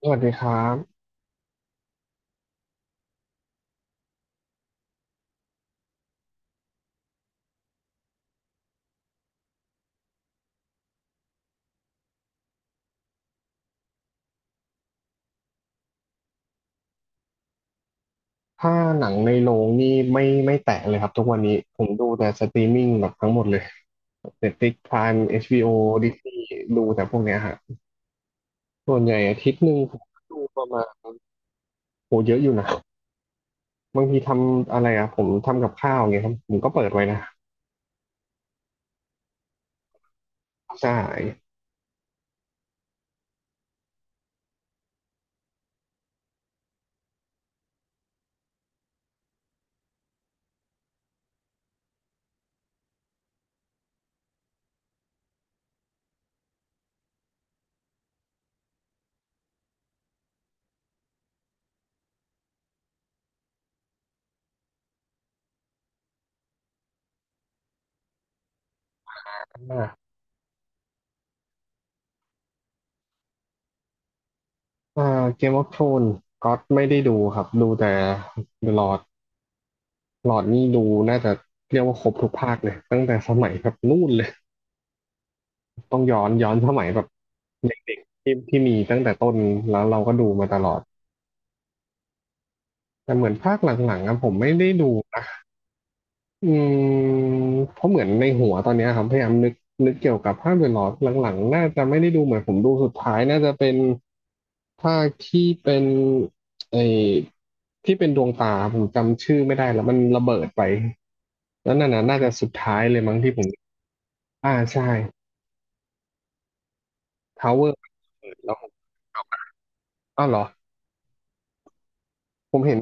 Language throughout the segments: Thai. สวัสดีครับถ้าหนังในโรงนี่ไม่แตะเลยครับทุกวันนี้ผมดูแต่สตรีมมิ่งแบบทั้งหมดเลย Netflix Prime HBO Disney ดูแต่พวกเนี้ยฮะส่วนใหญ่อาทิตย์หนึ่งผมดูประมาณโหเยอะอยู่นะบางทีทำอะไรอ่ะผมทำกับข้าวเงี้ยครับผมก็เปิดไว้นะใช่อ่าอ่าเกมออฟโทรนก็ไม่ได้ดูครับดูแต่หลอดหลอดนี่ดูน่าจะเรียกว่าครบทุกภาคเลยตั้งแต่สมัยแบบนู่นเลย ต้องย้อนสมัยแบบเด็กๆที่มีตั้งแต่ต้นแล้วเราก็ดูมาตลอดแต่เหมือนภาคหลังๆอะผมไม่ได้ดูนะอืมเพราะเหมือนในหัวตอนเนี้ยครับพยายามนึกเกี่ยวกับภาคเดอะลอร์ดหลังๆน่าจะไม่ได้ดูเหมือนผมดูสุดท้ายน่าจะเป็นภาคที่เป็นไอที่เป็นดวงตาผมจำชื่อไม่ได้แล้วมันระเบิดไปแล้วนั่นน่ะน่าจะสุดท้ายเลยมั้งที่ผมอ่าใช่ Tower แล้วผมอ้าวเหรอผมเห็น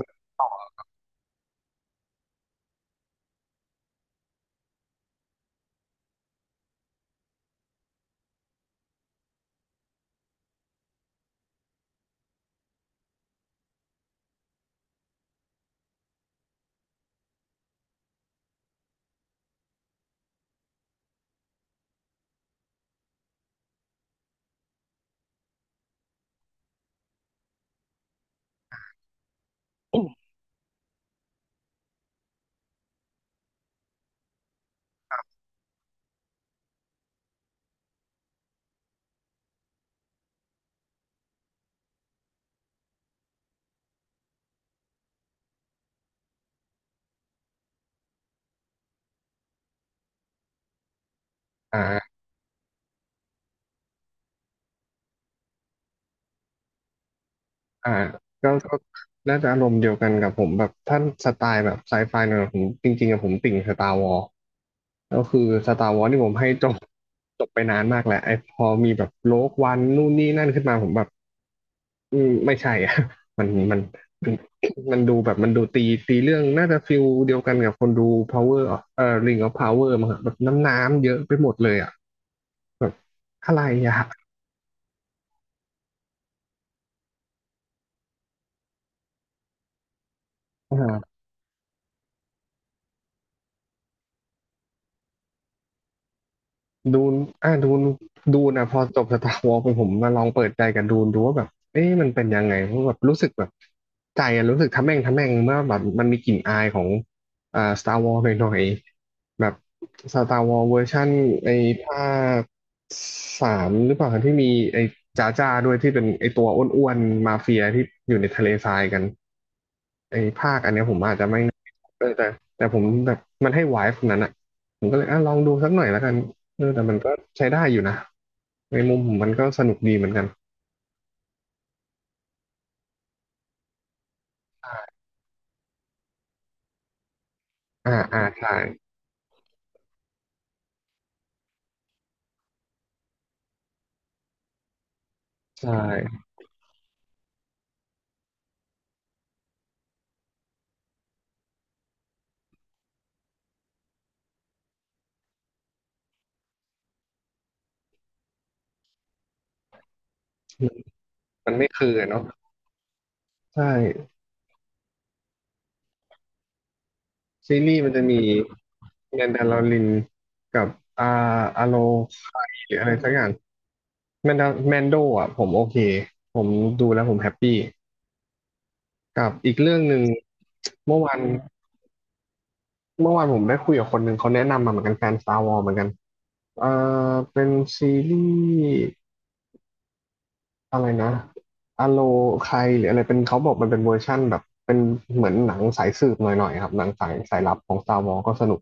อ่า อ่าก็น่าจะอารมณ์เดียวกันกับผมแบบท่านสไตล์แบบไซไฟเนี่ยผมจริงๆอะผมติ่งสตาร์วอลก็คือสตาร์วอลที่ผมให้จบจบไปนานมากแล้วไอ้พอมีแบบโลกวันนู่นนี่นั่นขึ้นมาผมแบบอืมไม่ใช่อะ มันมันมันมันดูแบบมันดูตีเรื่องน่าจะฟิลเดียวกันกับคนดู Power of เอ่อ Ring of Power มั้งครับแบบน้ำเยอะไปหมดเลยอ่ะแบบอะไรอ่ะ อ่า ดูนอ่ะดูนดูนะพอจบสตาร์วอลไปผมมาลองเปิดใจกับดูนดูว่าแบบ เอ๊ะมันเป็นยังไง เพราะแบบ รู้สึกแบบ ใจอะรู้สึกทะแม่งเมื่อแบบมันมีกลิ่นอายของอ่าสตาร์วอลหน่อยๆแบบสตาร์วอลเวอร์ชั่นไอ้ภาคสามหรือเปล่า ที่มีไอ้จ้าด้วย ที่เป็นไอ้ตัวอ้วนๆมาเฟียที่อยู่ในทะเลทรายกัน ไอ้ภาคอันเนี้ยผมอาจจะไม่เออแต่แต่ผมแบบมันให้ไวฟ์นั้นอ่ะผมก็เลยอ่ะลองดูสักหน่อยแล้วกันเออแต่มันก็ใช้ได้อยู่นะในมุมผมมันก็สนุกดีเหมือนกันใช่ใช่มันมันไม่คืออะเนาะใช่ซีรีส์มันจะมีแมนดาลอรินกับอาอาโลไคหรืออะไรสักอย่างแมนดาแมนโดอ่ะผมโอเคผมดูแล้วผมแฮปปี้กับอีกเรื่องหนึ่งเมื่อวาน เมื่อวานผมได้คุยกับคนหนึ่งเขาแนะนำมาเหมือนกันแฟน Star Wars เหมือนกัน เอ่เป็นซีรีส์อะไรนะอโลใครหรืออะไรเป็นเขาบอกมันเป็นเวอร์ชั่นแบบเป็นเหมือนหนังสายสืบหน่อยๆครับหนังสายลับของ Star Wars ก็สนุก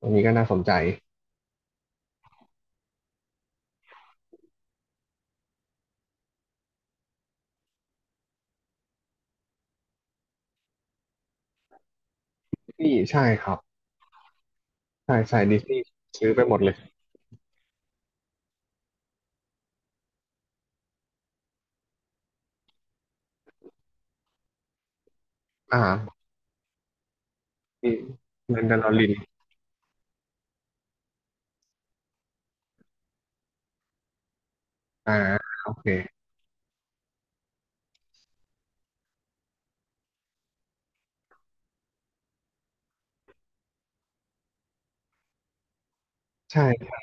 อันนี้ก็น่าสนใจนี่ใช่ครับใช่ใช่ดิสนีย์ซื้อไปหมดเลยอ่ามีแมนดาลอรินอ่าโอเคใช่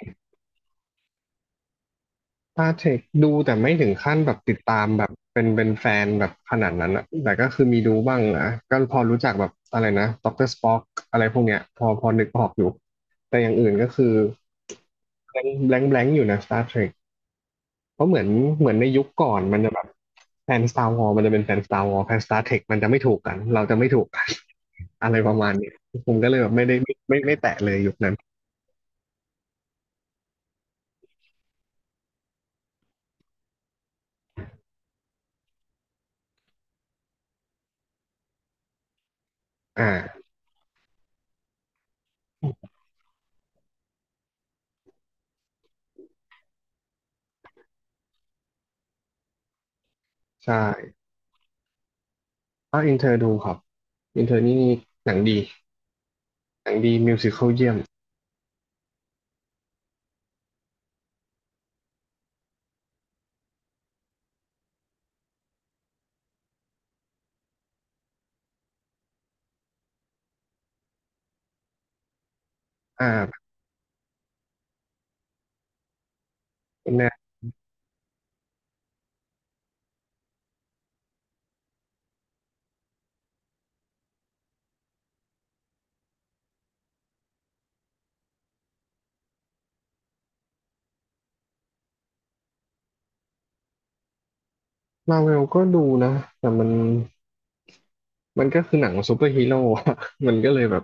ตาเทคดูแต่ไม่ถึงขั้นแบบติดตามแบบเป็นแฟนแบบขนาดนั้นอะแต่ก็คือมีดูบ้างนะก็พอรู้จักแบบอะไรนะด็อกเตอร์สป็อกอะไรพวกเนี้ยพอนึกออกอยู่ แต่อย่างอื่นก็คือแบงอยู่นะ Star Trek เพราะเหมือนในยุคก่อนมันจะแบบแฟน Star Wars มันจะเป็นแฟน Star Wars แฟน Star Trek มันจะไม่ถูกกัน เราจะไม่ถูกกัน อะไรประมาณเนี้ยผมก็เลยแบบไม่ได้ไม่แตะเลยยุคนั้นอ่าใช่ถ้าอินเทอร์ดูครับอินเทอร์นี่หนังดี หนังดีมิวสิควลเยี่ยมอ่าแนวมาเวลก็ดูนะแต่มันก็คือหนังซูเปอร์ฮีโร่อะ มันก็เลยแบบ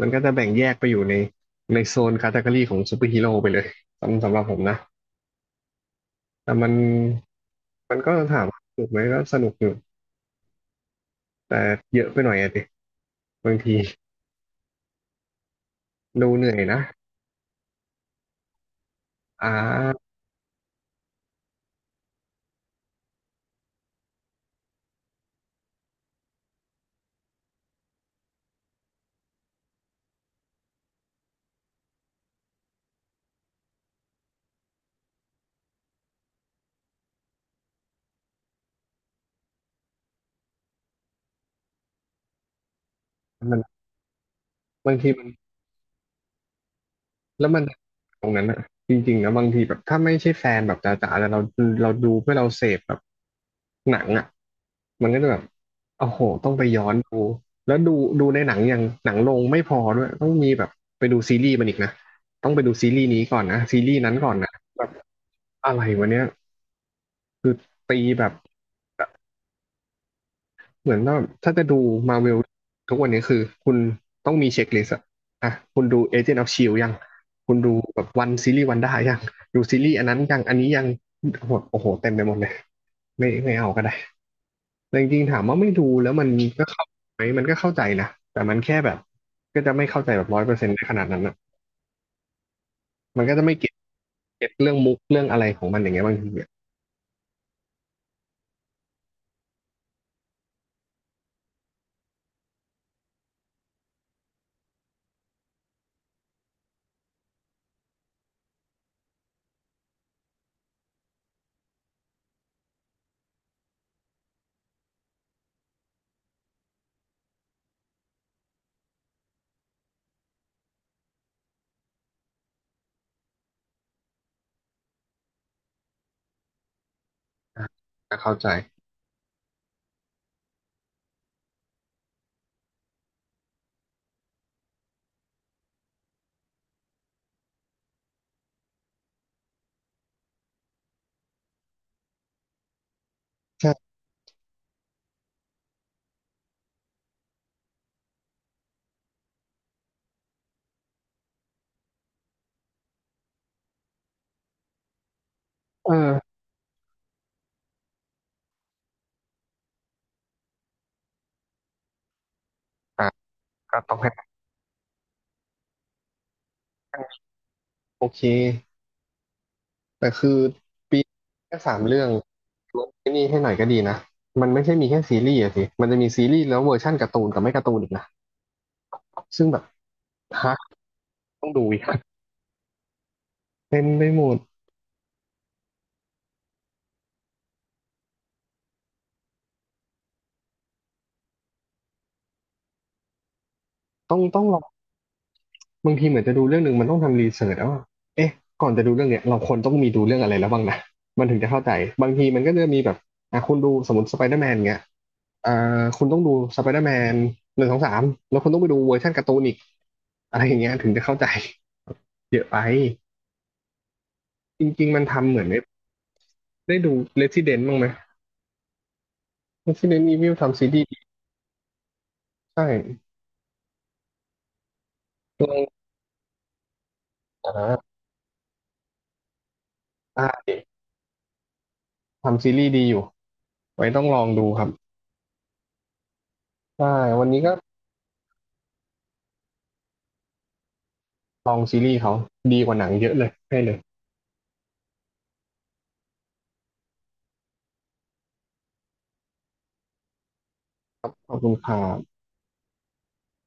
มันก็จะแบ่งแยกไปอยู่ในโซนคาตากรีของซูเปอร์ฮีโร่ไปเลยสำหรับผมนะ แต่มันก็ถามว่าสนุกไหมก็สนุกอยู่ แต่เยอะไปหน่อยอะดิบางทีดูเหนื่อยนะอ่ามันบางที แล้วมันตรงนั้นอะจริงๆนะบางทีแบบถ้าไม่ใช่แฟนแบบจ๋าๆแต่เราดูเพื่อเราเสพแบบหนังอะมันก็จะแบบโอ้โหต้องไปย้อนดูแล้วดูดูในหนังอย่างหนังลงไม่พอด้วยต้องมีแบบไปดูซีรีส์มันอีกนะต้องไปดูซีรีส์นี้ก่อนนะซีรีส์นั้นก่อนนะแบบอะไรวะเนี้ยตีแบบ เหมือนว่าถ้าจะดูมาเวลทุกวันนี้คือคุณต้องมีเช็คลิสต์อะอ่ะคุณดู Agent of Shield ยังคุณดูแบบวันซีรีส์วันได้ยังดูซีรีส์อันนั้นยังอันนี้ยังโอ้โหเต็มไปหมดเลยไม่เอาก็ได้แต่จริงๆถามว่าไม่ดูแล้วมันก็เข้าไหมมันก็เข้าใจนะแต่มันแค่แบบก็จะไม่เข้าใจแบบร้อยเปอร์เซ็นต์ในขนาดนั้นอะมันก็จะไม่เก็ตเรื่องมุกเรื่องอะไรของมันอย่างเงี้ยบางทีอะอ่ะก็เข้าใจใช่เอออ่ะก็ต้องให้โอเค แต่คือปีแค่สามเรื่องลดไอ้นี่ให้หน่อยก็ดีนะมันไม่ใช่มีแค่ซีรีส์อะสิมันจะมีซีรีส์แล้วเวอร์ชั่นการ์ตูนกับไม่การ์ตูนอีกนะซึ่งแบบฮะต้องดูอีก เป็นไปหมดต้องลองบางทีเหมือนจะดูเรื่องหนึ่งมันต้องทำรีเสิร์ชแล้วว่าเอ๊ะก่อนจะดูเรื่องเนี้ยเราควรต้องมีดูเรื่องอะไรแล้วบ้างนะมันถึงจะเข้าใจบางทีมันก็จะมีแบบอ่ะคุณดูสมมติสไปเดอร์แมนเงี้ยอ่าคุณต้องดูสไปเดอร์แมนหนึ่งสองสามแล้วคุณต้องไปดูเวอร์ชันการ์ตูนอีกอะไรอย่างเงี้ยถึงจะเข้าใจเยอะไปจริงๆมันทำเหมือน ได้ดู Resident บ้างไหม Resident Evil ทำซีรีส์ดีใช่ ลองอ่านะอ่าเด็กทำซีรีส์ดีอยู่ ไว้ต้องลองดูครับ ใช่ วันนี้ก็ลองซีรีส์เขาดีกว่าหนังเยอะเลย ให้เลย ขอบคุณค่ะ